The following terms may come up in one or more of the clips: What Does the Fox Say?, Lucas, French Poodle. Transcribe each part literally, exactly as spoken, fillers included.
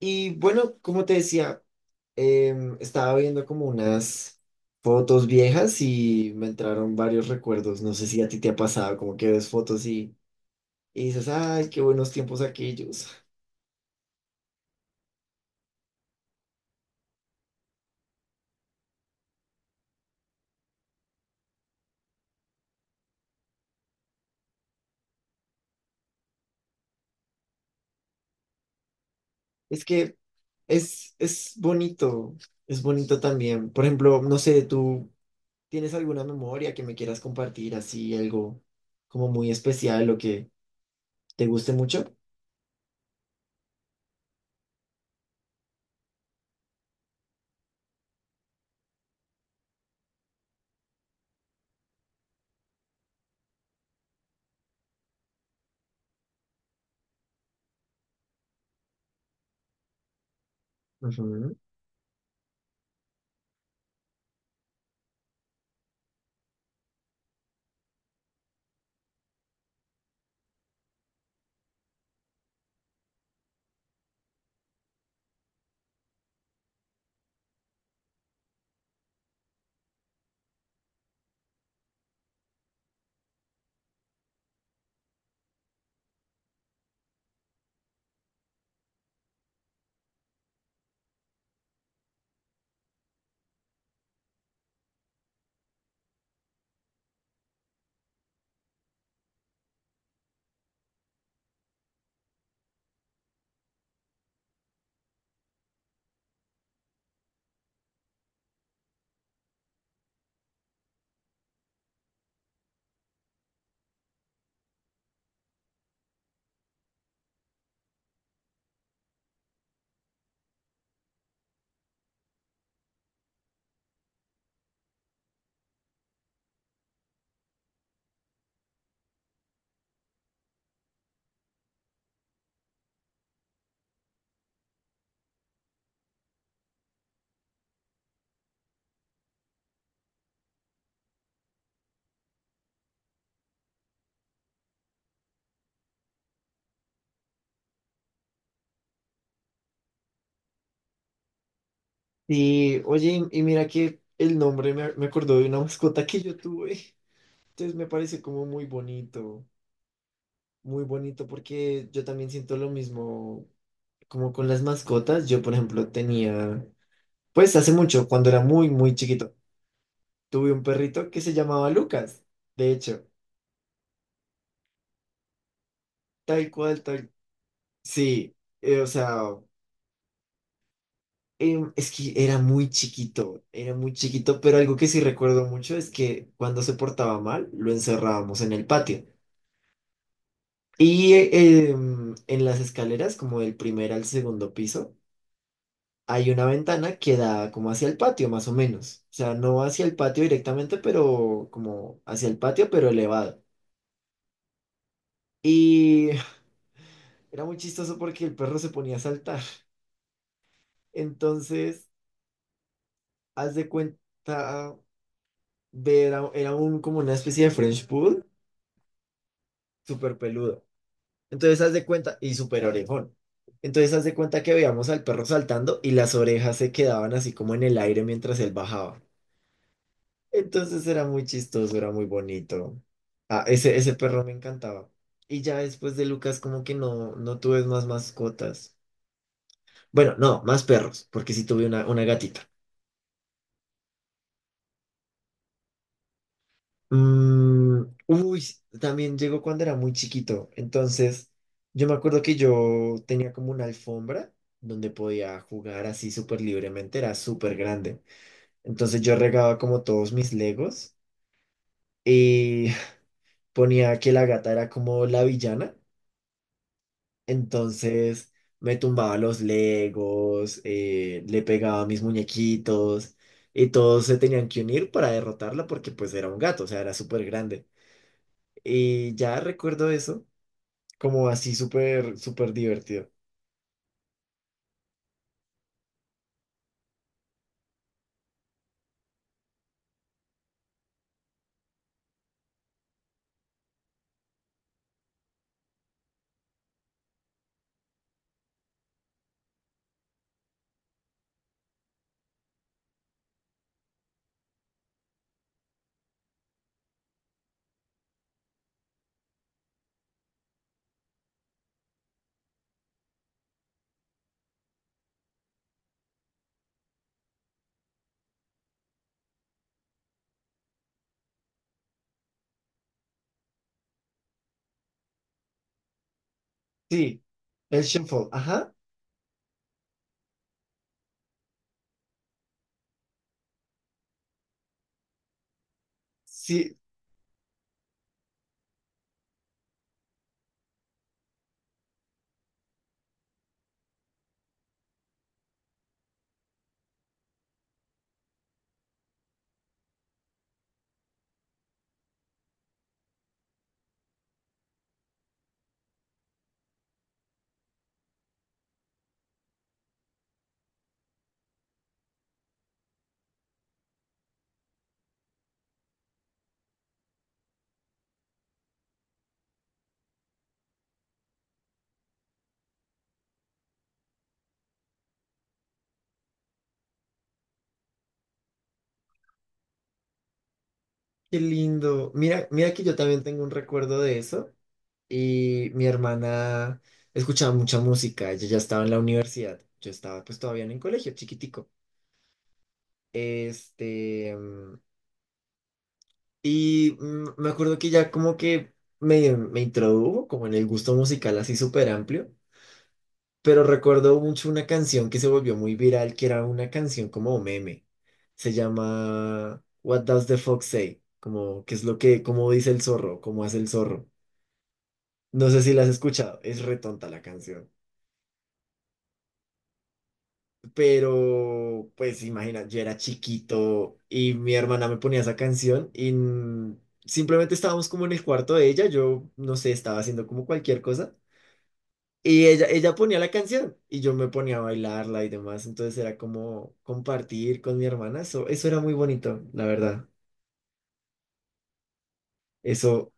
Y bueno, como te decía, em, estaba viendo como unas fotos viejas y me entraron varios recuerdos. No sé si a ti te ha pasado, como que ves fotos y, y dices, ay, qué buenos tiempos aquellos. Es que es, es bonito, es bonito también. Por ejemplo, no sé, ¿tú tienes alguna memoria que me quieras compartir así, algo como muy especial o que te guste mucho? Ujú. Y oye, y y mira que el nombre me, me acordó de una mascota que yo tuve. Entonces me parece como muy bonito, muy bonito porque yo también siento lo mismo como con las mascotas. Yo, por ejemplo, tenía, pues hace mucho, cuando era muy, muy chiquito, tuve un perrito que se llamaba Lucas. De hecho, tal cual, tal. Sí, eh, o sea, em, es que era muy chiquito, era muy chiquito, pero algo que sí recuerdo mucho es que cuando se portaba mal, lo encerrábamos en el patio. Y eh, em, en las escaleras, como del primer al segundo piso hay una ventana que da como hacia el patio, más o menos. O sea, no hacia el patio directamente, pero como hacia el patio, pero elevado. Y era muy chistoso porque el perro se ponía a saltar. Entonces, haz de cuenta, ver a- era un, como una especie de French Poodle, súper peludo. Entonces, haz de cuenta, y súper orejón. Entonces, haz de cuenta que veíamos al perro saltando y las orejas se quedaban así como en el aire mientras él bajaba. Entonces era muy chistoso, era muy bonito. Ah, ese, ese perro me encantaba. Y ya después de Lucas, como que no, no tuve más mascotas. Bueno, no, más perros, porque sí tuve una, una gatita. Mm, uy, también llegó cuando era muy chiquito. Entonces, yo me acuerdo que yo tenía como una alfombra donde podía jugar así súper libremente, era súper grande. Entonces yo regaba como todos mis legos y ponía que la gata era como la villana. Entonces me tumbaba los Legos, eh, le pegaba a mis muñequitos y todos se tenían que unir para derrotarla porque pues era un gato, o sea, era súper grande. Y ya recuerdo eso como así súper, súper divertido. Sí, el Shuffle, ajá, sí, qué lindo. Mira, mira que yo también tengo un recuerdo de eso y mi hermana escuchaba mucha música, ella ya estaba en la universidad, yo estaba pues todavía en el colegio, chiquitico. Este, mm, Y mm, me acuerdo que ya como que me, me introdujo como en el gusto musical así súper amplio, pero recuerdo mucho una canción que se volvió muy viral, que era una canción como meme. Se llama What Does the Fox Say? Como, ¿qué es lo que, cómo dice el zorro? ¿Cómo hace el zorro? No sé si la has escuchado, es retonta la canción. Pero, pues imagina, yo era chiquito y mi hermana me ponía esa canción y n- simplemente estábamos como en el cuarto de ella, yo no sé, estaba haciendo como cualquier cosa y ella, ella ponía la canción y yo me ponía a bailarla y demás, entonces era como compartir con mi hermana, eso, eso era muy bonito, la verdad. Eso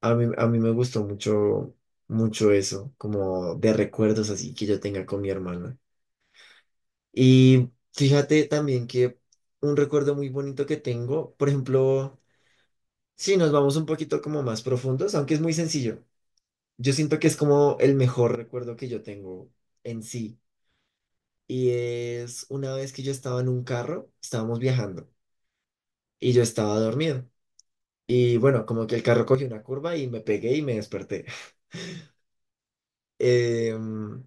a mí, a mí me gustó mucho, mucho eso, como de recuerdos así que yo tenga con mi hermana. Y fíjate también que un recuerdo muy bonito que tengo, por ejemplo, si nos vamos un poquito como más profundos, aunque es muy sencillo, yo siento que es como el mejor recuerdo que yo tengo en sí. Y es una vez que yo estaba en un carro, estábamos viajando y yo estaba dormido. Y bueno, como que el carro cogió una curva y me pegué y me desperté. Em,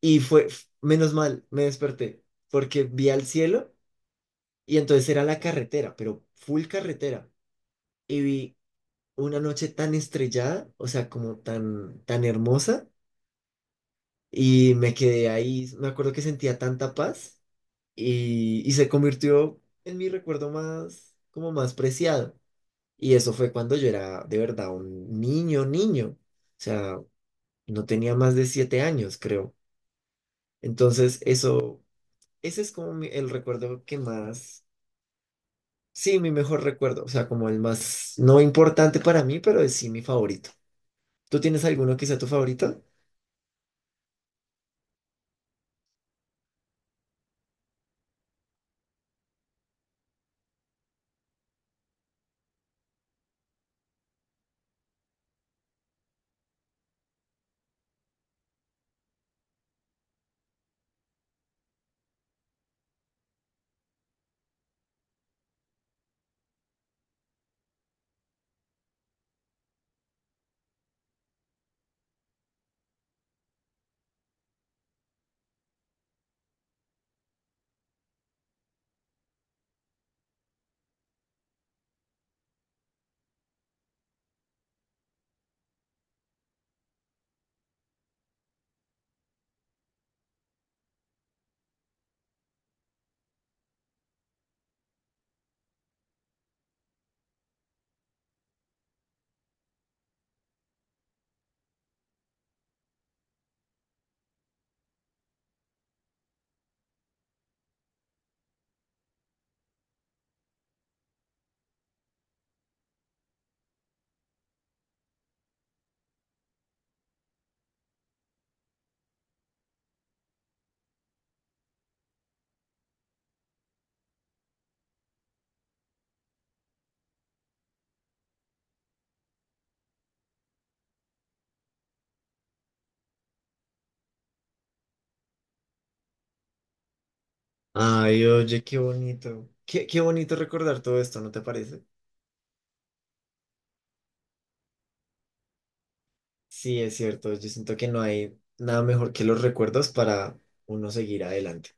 y fue, f- menos mal, me desperté porque vi al cielo y entonces era la carretera, pero full carretera. Y vi una noche tan estrellada, o sea, como tan, tan hermosa, y me quedé ahí, me acuerdo que sentía tanta paz y, y se convirtió en mi recuerdo más, como más preciado. Y eso fue cuando yo era de verdad un niño, niño, o sea, no tenía más de siete años, creo. Entonces, eso, ese es como mi- el recuerdo que más, sí, mi mejor recuerdo, o sea, como el más, no importante para mí, pero es sí mi favorito. ¿Tú tienes alguno que sea tu favorito? Ay, oye, qué bonito. Qué, qué bonito recordar todo esto, ¿no te parece? Sí, es cierto. Yo siento que no hay nada mejor que los recuerdos para uno seguir adelante.